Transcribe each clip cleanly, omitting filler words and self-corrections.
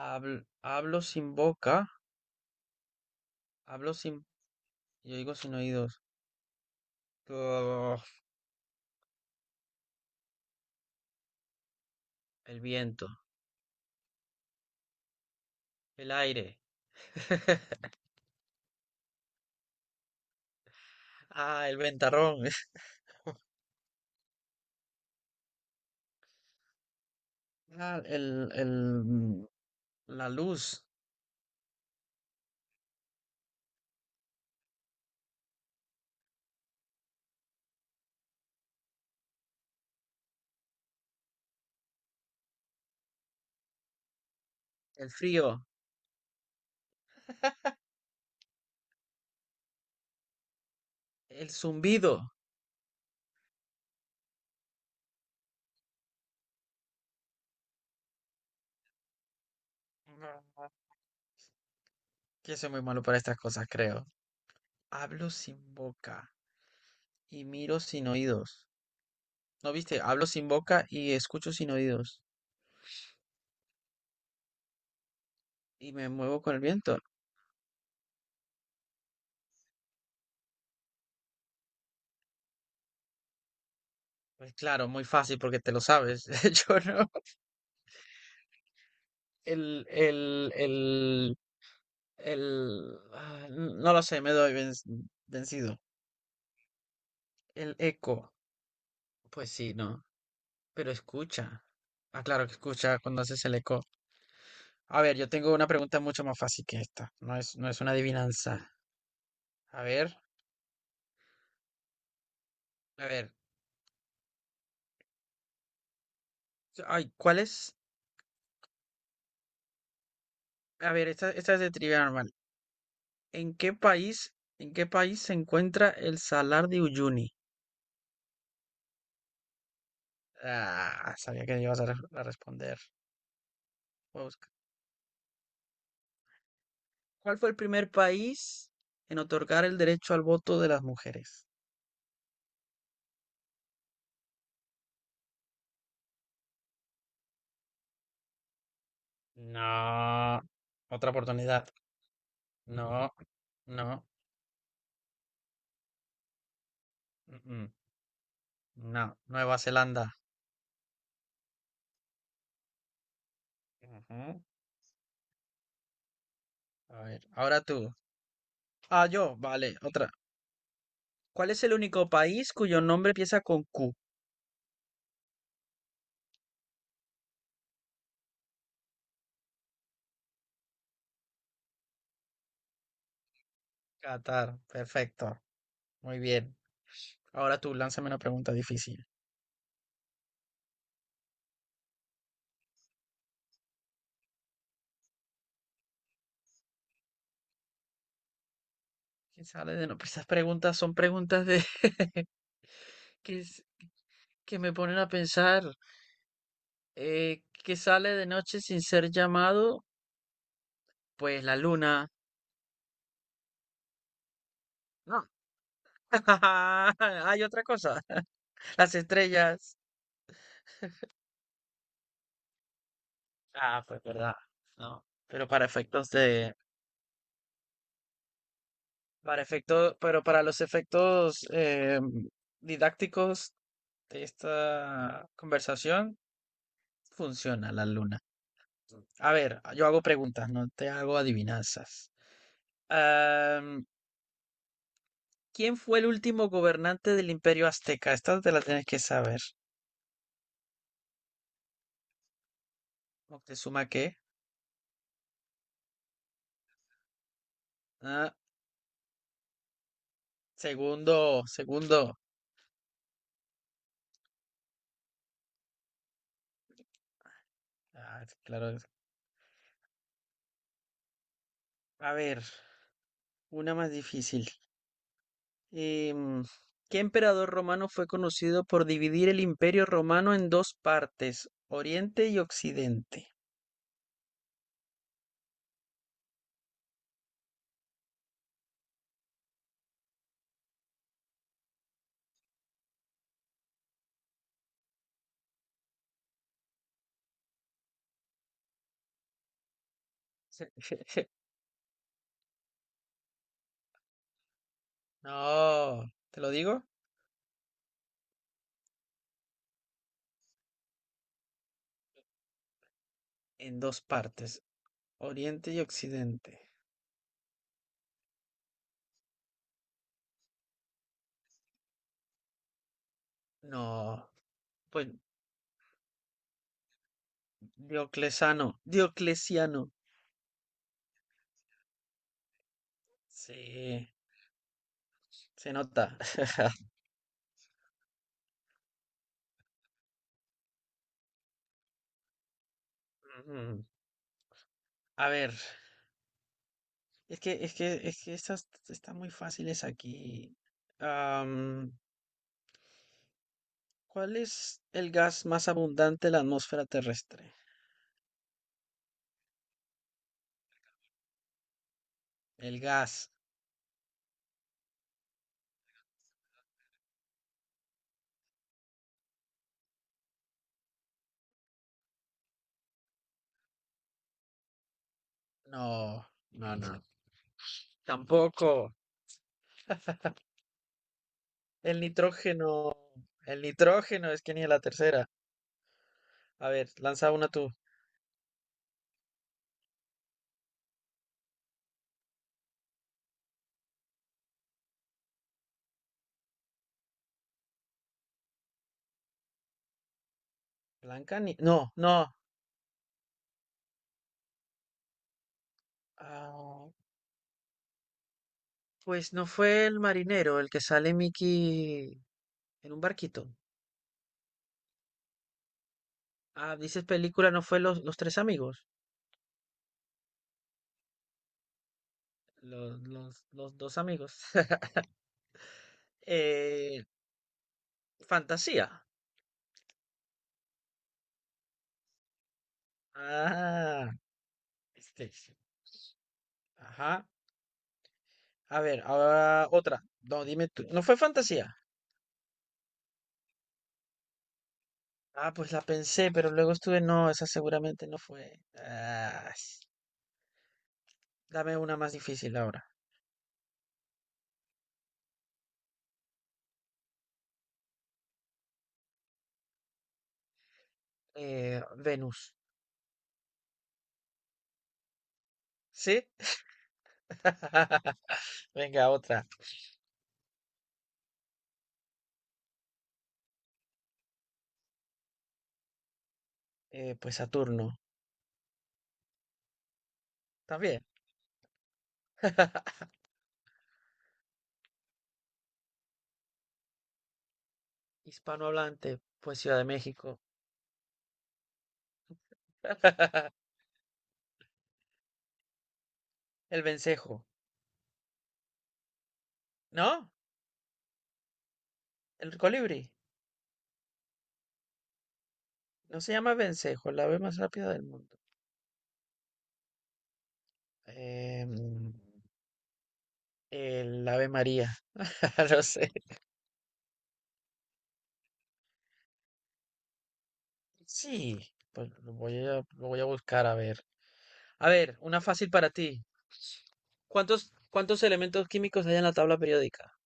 Hablo sin boca. Hablo sin, yo digo sin oídos. Uf, el viento, el aire. El ventarrón. ah, el, el, mm, la luz, el frío, el zumbido. No, yo soy muy malo para estas cosas, creo. Hablo sin boca y miro sin oídos. ¿No viste? Hablo sin boca y escucho sin oídos. Y me muevo con el viento. Pues claro, muy fácil porque te lo sabes. Yo no. El, el, el, no lo sé, me doy vencido. El eco, pues sí, ¿no? Pero escucha. Ah, claro que escucha cuando haces el eco. A ver, yo tengo una pregunta mucho más fácil que esta. No es una adivinanza. A ver, a ver. Ay, ¿cuál es? A ver, esta es de trivia normal. ¿En qué país, en qué país se encuentra el Salar de Uyuni? Ah, sabía que ibas a responder. Voy a buscar. ¿Cuál fue el primer país en otorgar el derecho al voto de las mujeres? No, otra oportunidad. No, no, mm, mm, no, Nueva Zelanda. Ujú. A ver, ahora tú. Ah, yo, vale, otra. ¿Cuál es el único país cuyo nombre empieza con Q? Qatar, perfecto. Muy bien. Ahora tú, lánzame una pregunta difícil. ¿Qué sale de no? Esas preguntas son preguntas de que, es- que me ponen a pensar. ¿Qué sale de noche sin ser llamado? Pues la luna. Hay otra cosa. Las estrellas. Ah, pues verdad. No, pero para efectos, pero para los efectos didácticos de esta conversación, funciona la luna. A ver, yo hago preguntas, no te hago adivinanzas. Am, ¿Quién fue el último gobernante del Imperio Azteca? Esta te la tienes que saber. ¿Moctezuma qué? Ah, segundo. Ah, claro. A ver. Una más difícil. Em, ¿Qué emperador romano fue conocido por dividir el imperio romano en dos partes, Oriente y Occidente? No, ¿te lo digo? En dos partes, Oriente y Occidente. No, pues Dioclesano, Dioclesiano. Sí, se nota. Mm, A ver, es que estas están muy fáciles aquí. ¿Cuál es el gas más abundante en la atmósfera terrestre? El gas. No, no. Tampoco. El nitrógeno. El nitrógeno, es que ni a la tercera. A ver, lanza una tú. Blanca ni. No, no. Ah, pues no fue el marinero el que sale Mickey en un barquito. Ah, dices película, no fue los tres amigos. Los dos amigos. Eh, Fantasía. Ah, este. Ajá. A ver, ahora otra. No, dime tú. ¿No fue fantasía? Ah, pues la pensé, pero luego estuve. No, esa seguramente no fue. Dame una más difícil ahora. Venus. ¿Sí? Venga, otra. Pues Saturno. También. Hispanohablante, pues Ciudad de México. El vencejo. ¿No? El colibrí. No se llama vencejo, el ave más rápida del mundo. Em, el ave María. No sé. Sí, pues lo voy a buscar a ver. A ver, una fácil para ti. ¿Cuántos elementos químicos hay en la tabla periódica?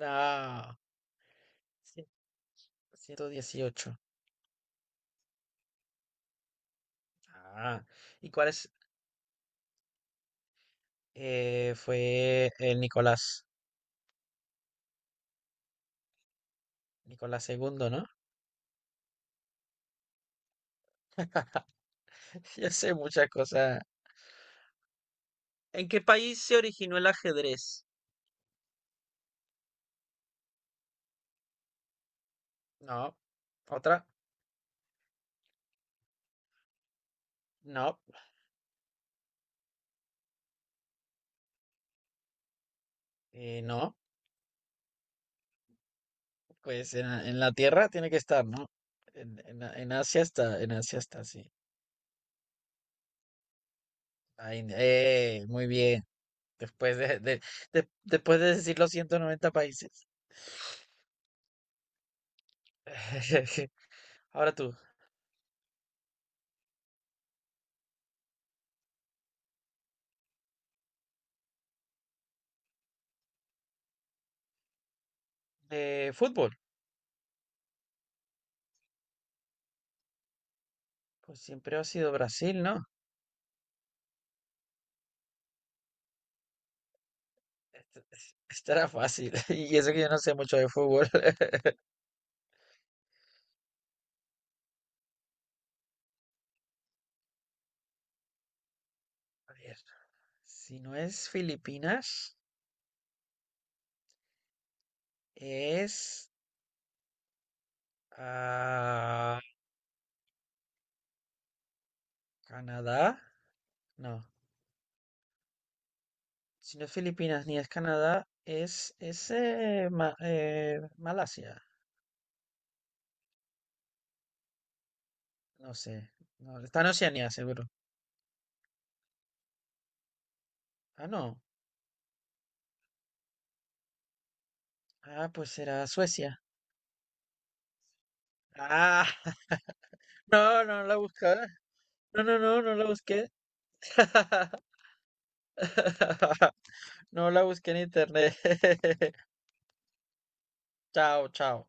Ah, cien- 118. Ah, ¿y cuál es? Eh, fue el Nicolás, Nicolás II, ¿no? Ya sé muchas cosas. ¿En qué país se originó el ajedrez? No, otra, no, no, pues en la Tierra tiene que estar, ¿no? En Asia está, sí. Ay, muy bien. Después de, de- después de decir los 190 países. Ahora tú. Fútbol. Pues siempre ha sido Brasil, ¿no? Estará fácil. Y eso que yo no sé mucho de fútbol. A ver, si no es Filipinas, es ah, Canadá. No, si no es Filipinas ni es Canadá, es Malasia. No sé. No, está en Oceanía, seguro. Ah, no. Ah, pues será Suecia. Ah, no, no la buscaba. No la busqué. No la busqué en internet. Chao, chao.